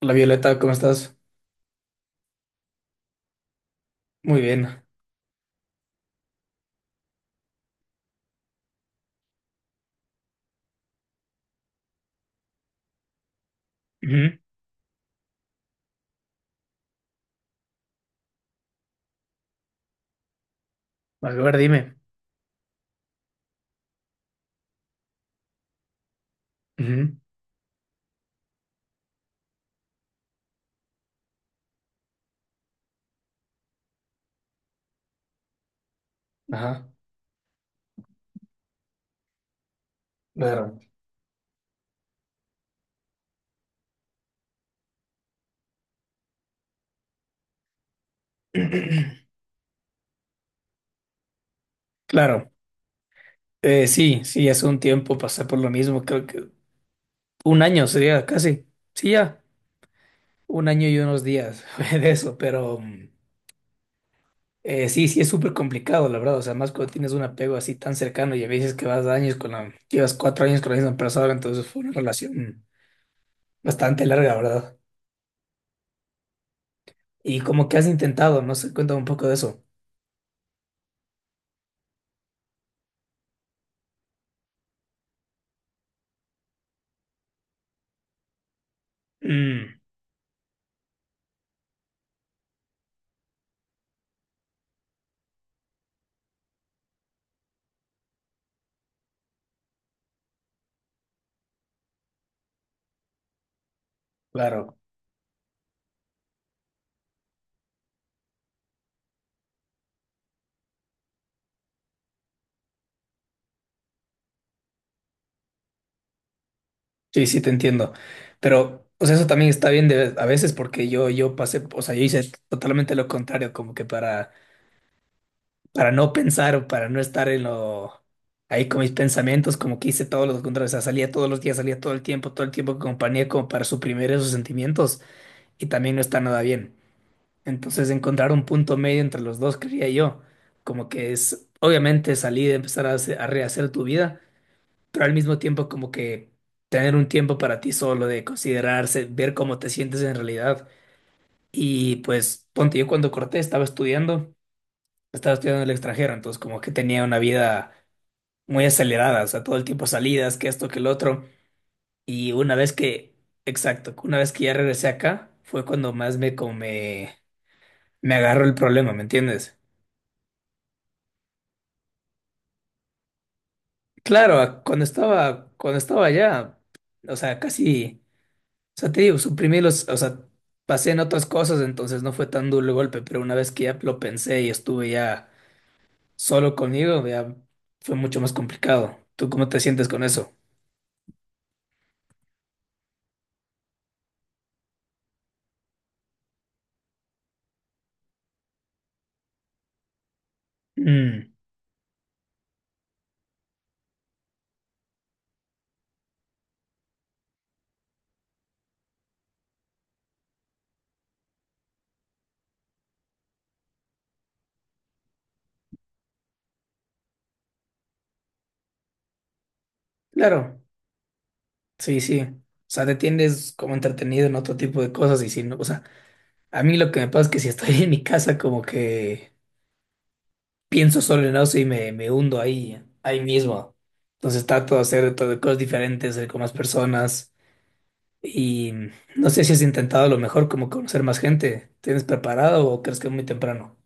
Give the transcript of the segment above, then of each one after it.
Hola Violeta, ¿cómo estás? Muy bien. Ujú. A ver, dime. Ujú. Ajá. Claro. Claro. Sí, sí, hace un tiempo pasé por lo mismo, creo que un año sería casi. Sí, ya. Un año y unos días fue de eso, pero sí, sí es súper complicado, la verdad. O sea, más cuando tienes un apego así tan cercano y a veces que vas años llevas cuatro años con la misma persona, entonces fue una relación bastante larga, ¿verdad? Y como que has intentado, no sé, cuéntame un poco de eso. Mm, claro. Sí, sí, te entiendo. Pero, o sea, eso también está bien a veces porque yo pasé, o sea, yo hice totalmente lo contrario, como que para no pensar o para no estar ahí con mis pensamientos, como que hice todo lo contrario, o sea, salía todos los días, salía todo el tiempo con compañía, como para suprimir esos sentimientos y también no está nada bien. Entonces, encontrar un punto medio entre los dos, creía yo, como que es, obviamente salir, empezar a rehacer tu vida pero al mismo tiempo como que tener un tiempo para ti solo, de considerarse, ver cómo te sientes en realidad. Y pues, ponte, yo cuando corté estaba estudiando en el extranjero, entonces como que tenía una vida muy acelerada, o sea, todo el tiempo salidas, que esto, que el otro. Y una vez que, exacto, una vez que ya regresé acá, fue cuando más me agarró el problema, ¿me entiendes? Claro, cuando estaba allá, o sea, casi... O sea, te digo, suprimí o sea, pasé en otras cosas, entonces no fue tan duro el golpe, pero una vez que ya lo pensé y estuve ya solo conmigo, ya fue mucho más complicado. ¿Tú cómo te sientes con eso? Mm, claro, sí, sí. O sea, te tienes como entretenido en otro tipo de cosas y si no, o sea, a mí lo que me pasa es que si estoy en mi casa como que pienso solo en eso y me hundo ahí mismo. Entonces trato de hacer todo, cosas diferentes, salir con más personas. Y no sé si has intentado a lo mejor como conocer más gente. ¿Tienes preparado o crees que es muy temprano?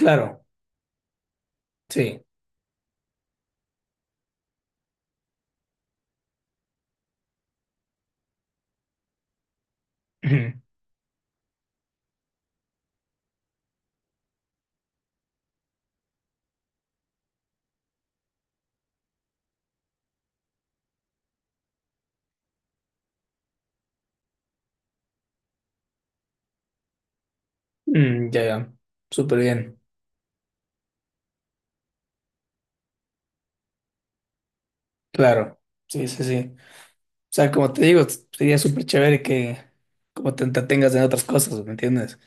Claro, sí. Ujú. Mm, ya, ya. Súper bien. Claro. Sí, sí, sí. O sea, como te digo, sería súper chévere que como te entretengas en otras cosas, ¿me entiendes?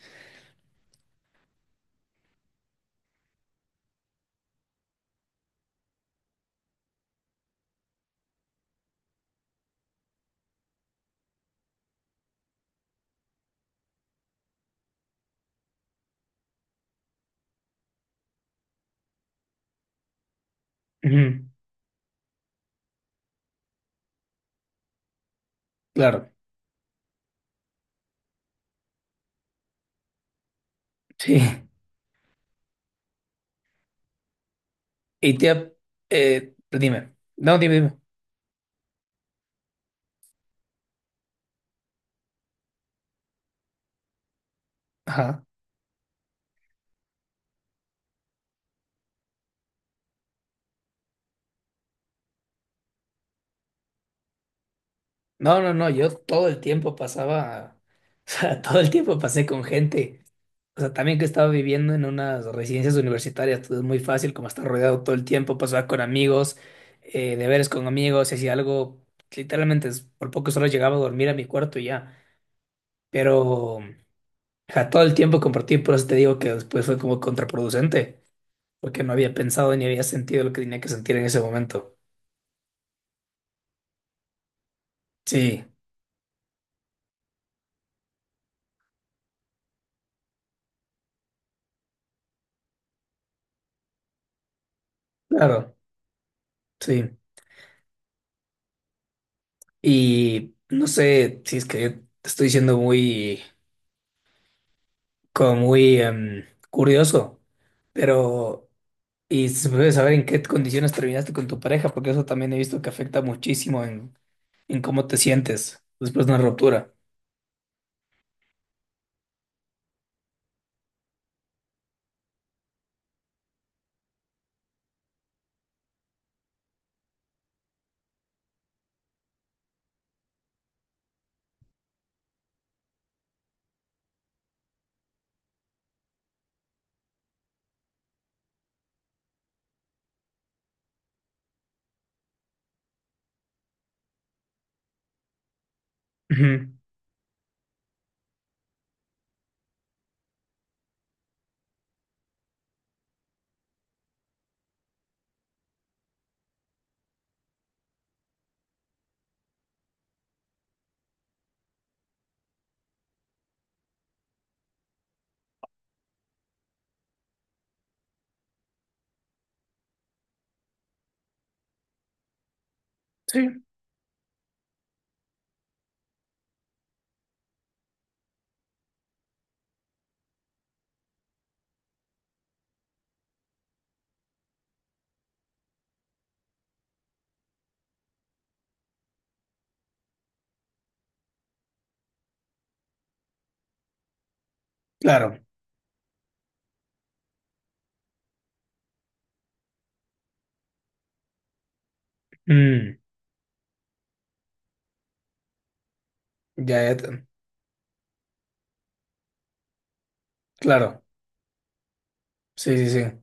Ujú. Claro, sí. Y te... Dime. No, dime, dime. Ajá. No, no, no, yo todo el tiempo pasaba, o sea, todo el tiempo pasé con gente. O sea, también que estaba viviendo en unas residencias universitarias, todo es muy fácil, como estar rodeado todo el tiempo, pasaba con amigos, deberes con amigos, si hacía algo, literalmente por poco solo llegaba a dormir a mi cuarto y ya. Pero ja, todo el tiempo compartí, por eso te digo que después fue como contraproducente, porque no había pensado ni había sentido lo que tenía que sentir en ese momento. Sí, claro, sí. Y no sé si es que te estoy diciendo como muy curioso, pero y se puede saber en qué condiciones terminaste con tu pareja, porque eso también he visto que afecta muchísimo en cómo te sientes después de una ruptura. Ujú. Sí, claro. Mm, ya, ya claro. Sí, sí, sí. O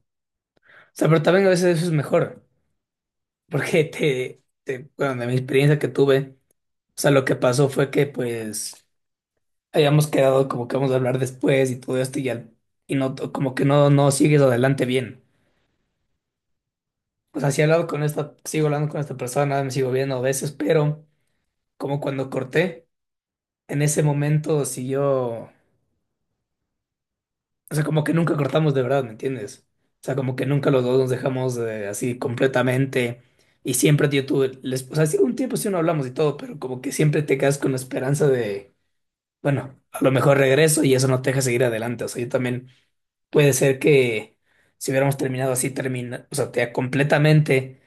sea, pero también a veces eso es mejor, porque bueno, de mi experiencia que tuve, o sea, lo que pasó fue que pues, habíamos quedado como que vamos a hablar después y todo esto y no, como que no sigues adelante bien. O sea, sí he hablado con sigo hablando con esta persona, me sigo viendo a veces, pero como cuando corté, en ese momento siguió, o sea, como que nunca cortamos de verdad, ¿me entiendes? O sea, como que nunca los dos nos dejamos así completamente y siempre yo tuve, les, o sea, sí, un tiempo sí no hablamos y todo, pero como que siempre te quedas con la esperanza de, bueno, a lo mejor regreso y eso no te deja seguir adelante. O sea, yo también. Puede ser que si hubiéramos terminado así, termina, o sea, te- completamente,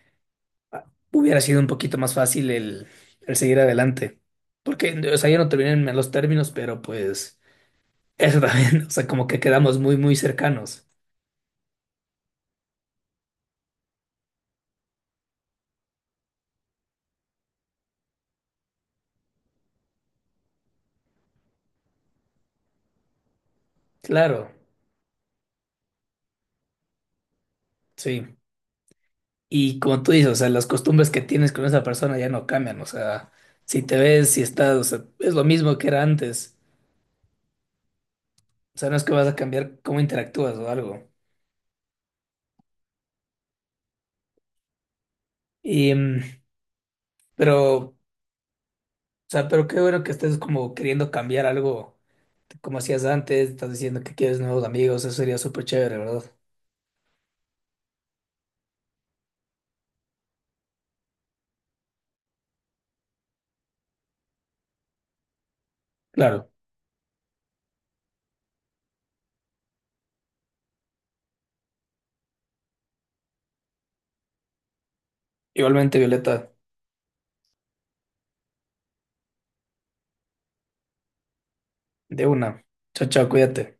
ah, hubiera sido un poquito más fácil el seguir adelante. Porque, o sea, yo no terminé en malos términos, pero pues eso también, o sea, como que quedamos muy, muy cercanos. Claro, sí. Y como tú dices, o sea, las costumbres que tienes con esa persona ya no cambian, o sea, si te ves, si estás, o sea, es lo mismo que era antes. O sea, no es que vas a cambiar cómo interactúas o algo. Y, mm, pero. O sea, pero qué bueno que estés como queriendo cambiar algo, como hacías antes, estás diciendo que quieres nuevos amigos, eso sería súper chévere, ¿verdad? Claro. Igualmente, Violeta, de una. Chao, chao, cuídate.